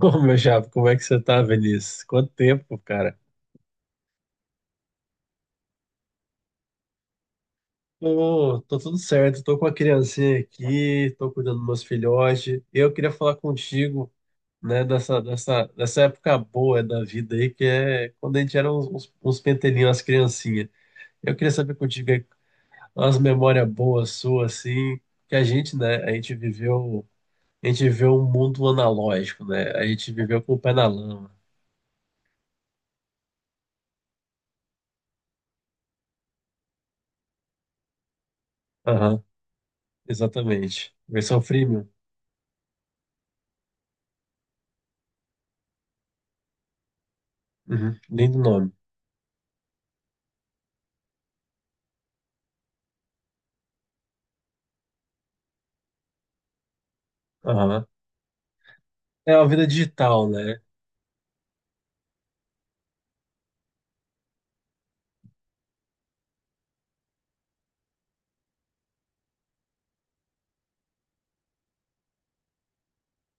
Ô, meu chapa, como é que você tá, Vinícius? Quanto tempo, cara? Tô, tudo certo, tô com a criancinha aqui, tô cuidando dos meus filhotes. Eu queria falar contigo, né, dessa época boa da vida aí, que é quando a gente era uns pentelinhos, as criancinhas. Eu queria saber contigo aí, umas memórias boas suas, assim, que a gente, né, a gente viveu um mundo analógico, né? A gente viveu com o pé na lama. Aham, exatamente. Versão freemium. Uhum, lindo nome. Aham. É uma vida digital, né?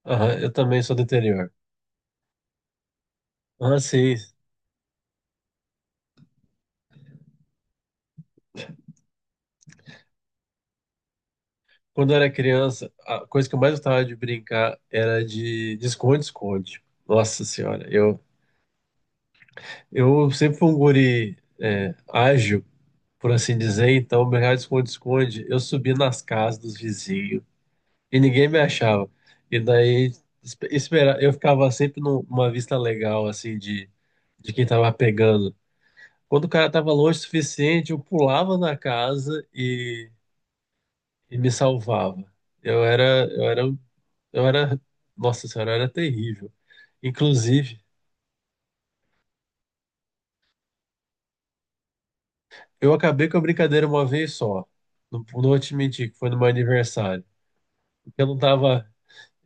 Aham, eu também sou do interior. Ah, sei. Quando eu era criança, a coisa que eu mais gostava de brincar era de esconde-esconde. Nossa senhora, eu sempre fui um guri ágil, por assim dizer, então meu real de esconde-esconde, eu subia nas casas dos vizinhos e ninguém me achava. E daí esperar, eu ficava sempre numa vista legal, assim, de quem tava pegando. Quando o cara estava longe o suficiente, eu pulava na casa e me salvava. Eu era, eu era, eu era, nossa senhora, eu era terrível. Inclusive, eu acabei com a brincadeira uma vez só. Não, não vou te mentir, que foi no meu aniversário. Porque eu não tava,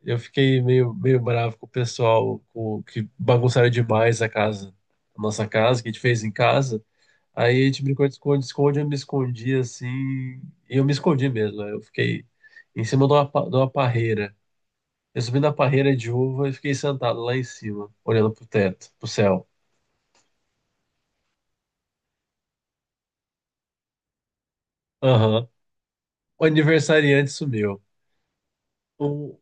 eu fiquei meio bravo com o pessoal com, que bagunçaram demais a casa, a nossa casa, que a gente fez em casa. Aí a gente brincou de esconde-esconde, eu me escondi assim. E eu me escondi mesmo, né? Eu fiquei em cima de uma, de uma parreira. Eu subi na parreira de uva e fiquei sentado lá em cima, olhando pro teto, pro céu. Aham. O aniversariante sumiu. Um,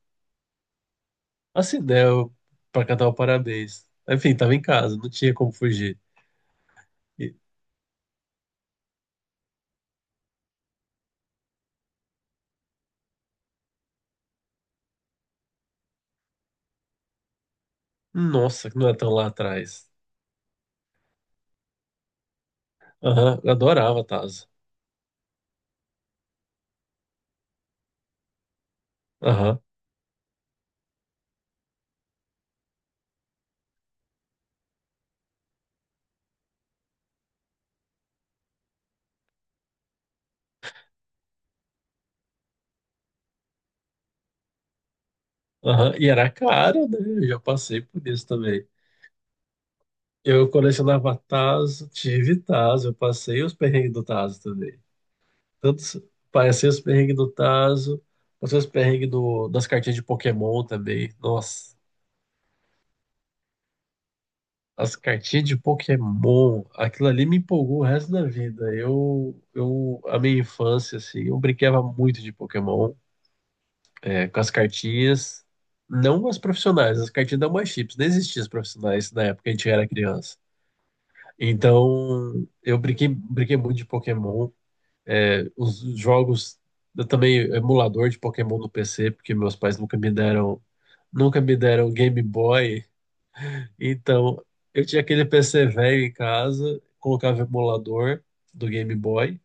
assim, deu pra cantar o parabéns. Enfim, tava em casa, não tinha como fugir. E, nossa, que não é tão lá atrás. Aham, eu adorava Tazo. Aham, aham. E era caro, né? Eu já passei por isso também. Eu colecionava Tazo, tive Tazo, eu passei os perrengues do Tazo também. Tanto s- Passei os perrengues do Tazo, passei os perrengues das cartinhas de Pokémon também. Nossa, as cartinhas de Pokémon, aquilo ali me empolgou o resto da vida. A minha infância, assim, eu brincava muito de Pokémon, com as cartinhas, não as profissionais, as cartinhas da My Chips, não existiam as profissionais na época que a gente era criança. Então, eu brinquei, brinquei muito de Pokémon. É, os jogos, eu também emulador de Pokémon no PC, porque meus pais nunca me deram, nunca me deram Game Boy. Então, eu tinha aquele PC velho em casa, colocava o emulador do Game Boy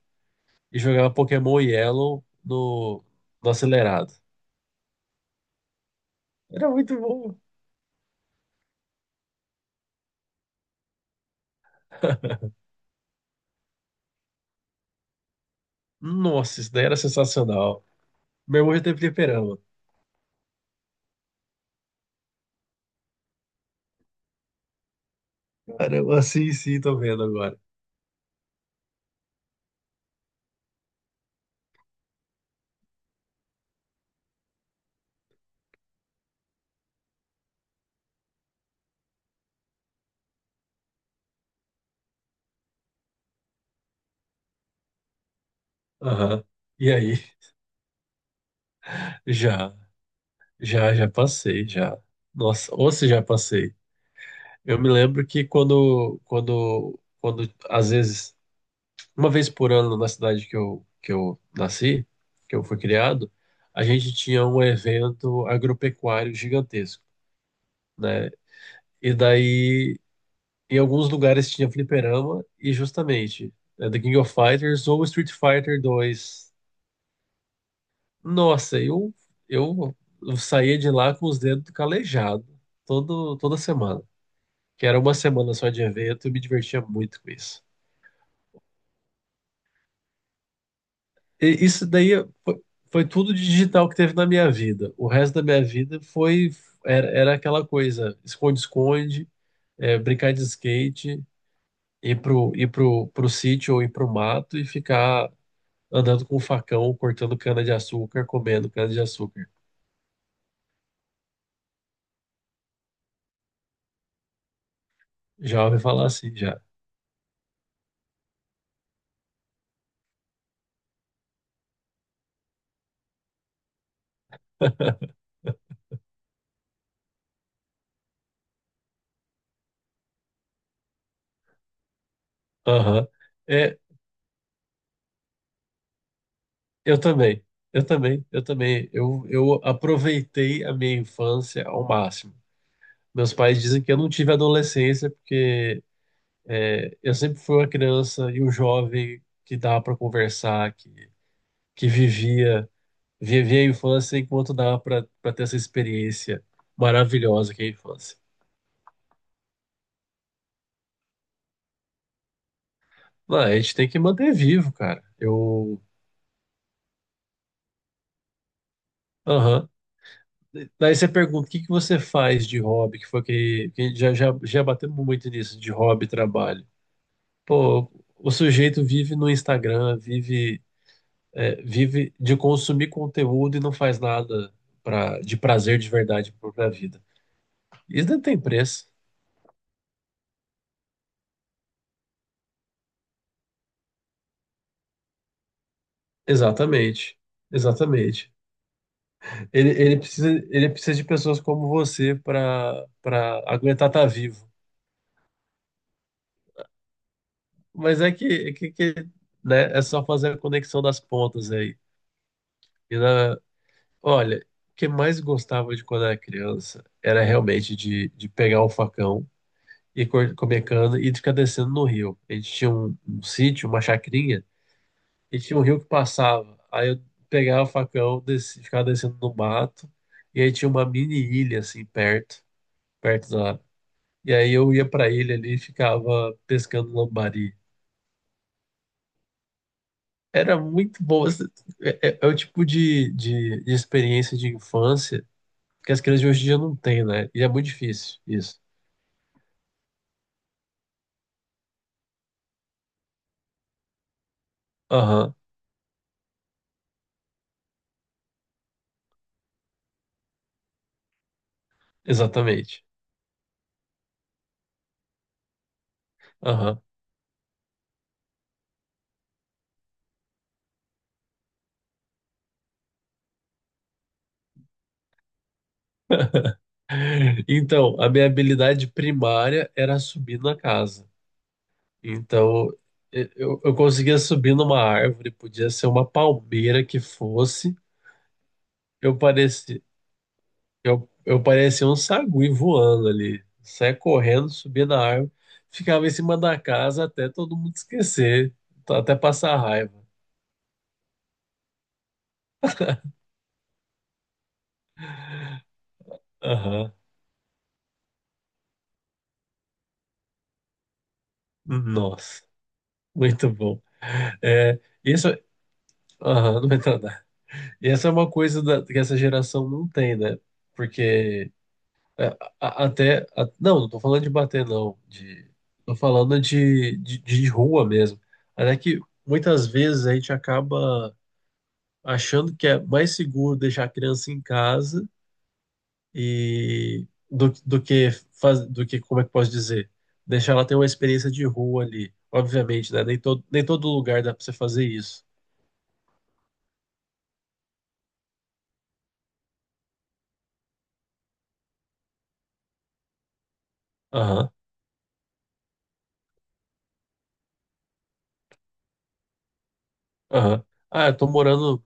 e jogava Pokémon Yellow no, no acelerado. Era muito bom. Nossa, isso daí era sensacional. Meu irmão já teve fliperama. Caramba, sim, sim, tô vendo agora. Aham. E aí? Já, já, passei, já. Nossa, ou se já passei. Eu me lembro que quando, às vezes, uma vez por ano na cidade que que eu nasci, que eu fui criado, a gente tinha um evento agropecuário gigantesco, né? E daí, em alguns lugares tinha fliperama e justamente né, The King of Fighters ou Street Fighter 2. Nossa, eu, eu saía de lá com os dedos calejados toda semana. Que era uma semana só de evento e me divertia muito com isso. E isso daí foi, foi tudo de digital que teve na minha vida. O resto da minha vida foi era, era aquela coisa, esconde-esconde, brincar de skate, pro sítio ou ir pro mato e ficar andando com um facão, cortando cana-de-açúcar, comendo cana-de-açúcar. Já ouvi falar assim, já. Aham. É, eu também. Eu também. Eu aproveitei a minha infância ao máximo. Meus pais dizem que eu não tive adolescência porque é, eu sempre fui uma criança e um jovem que dava para conversar, que vivia, vivia a infância enquanto dava para ter essa experiência maravilhosa que é a infância. Não, a gente tem que manter vivo, cara. Eu, aham. Daí você pergunta, o que que você faz de hobby? Que foi que, que já, batemos muito nisso, de hobby e trabalho. Pô, o sujeito vive no Instagram, vive vive de consumir conteúdo e não faz nada pra, de prazer de verdade para a vida. Isso não tem preço. Exatamente. Exatamente. Ele precisa de pessoas como você para aguentar estar vivo. Mas é que, né, é só fazer a conexão das pontas aí. E na, olha, o que mais gostava de quando era criança era realmente de pegar o facão e comer cana e de ficar descendo no rio. A gente tinha um sítio, uma chacrinha, e tinha um rio que passava. Aí eu pegava o facão, desci, ficava descendo no mato. E aí tinha uma mini ilha, assim, perto, perto da. E aí eu ia pra ilha ali e ficava pescando lambari. Era muito bom. É, é o tipo de, de experiência de infância que as crianças de hoje em dia não têm, né? E é muito difícil isso. Aham, exatamente. Aham. Então, a minha habilidade primária era subir na casa. Então, eu conseguia subir numa árvore, podia ser uma palmeira que fosse. Eu parecia, eu parecia um sagui voando ali. Saia correndo, subia na árvore, ficava em cima da casa até todo mundo esquecer, até passar raiva. Aham. Nossa, muito bom. É, isso, aham, não vai entrar nada. E essa é uma coisa que essa geração não tem, né? Porque é, não, não tô falando de bater, não. De, tô falando de, de rua mesmo. Até que muitas vezes a gente acaba achando que é mais seguro deixar a criança em casa e do que faz, do que, como é que posso dizer? Deixar ela ter uma experiência de rua ali. Obviamente, né? Nem todo lugar dá pra você fazer isso. Aham, aham. Ah, eu tô morando.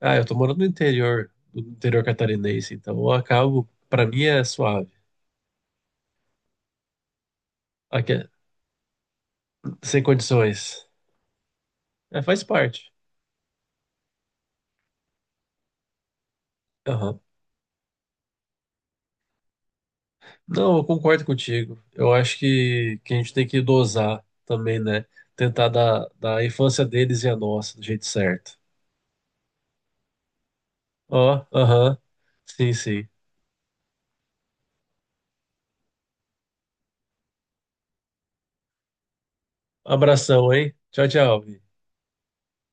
Ah, eu tô morando no interior, no interior catarinense, então eu acabo. Pra mim é suave. Aqui, é, sem condições. É, faz parte. Aham. Não, eu concordo contigo. Eu acho que a gente tem que dosar também, né? Tentar dar a infância deles e a nossa do jeito certo. Ó, aham. Sim, sim. Abração, hein? Tchau, tchau.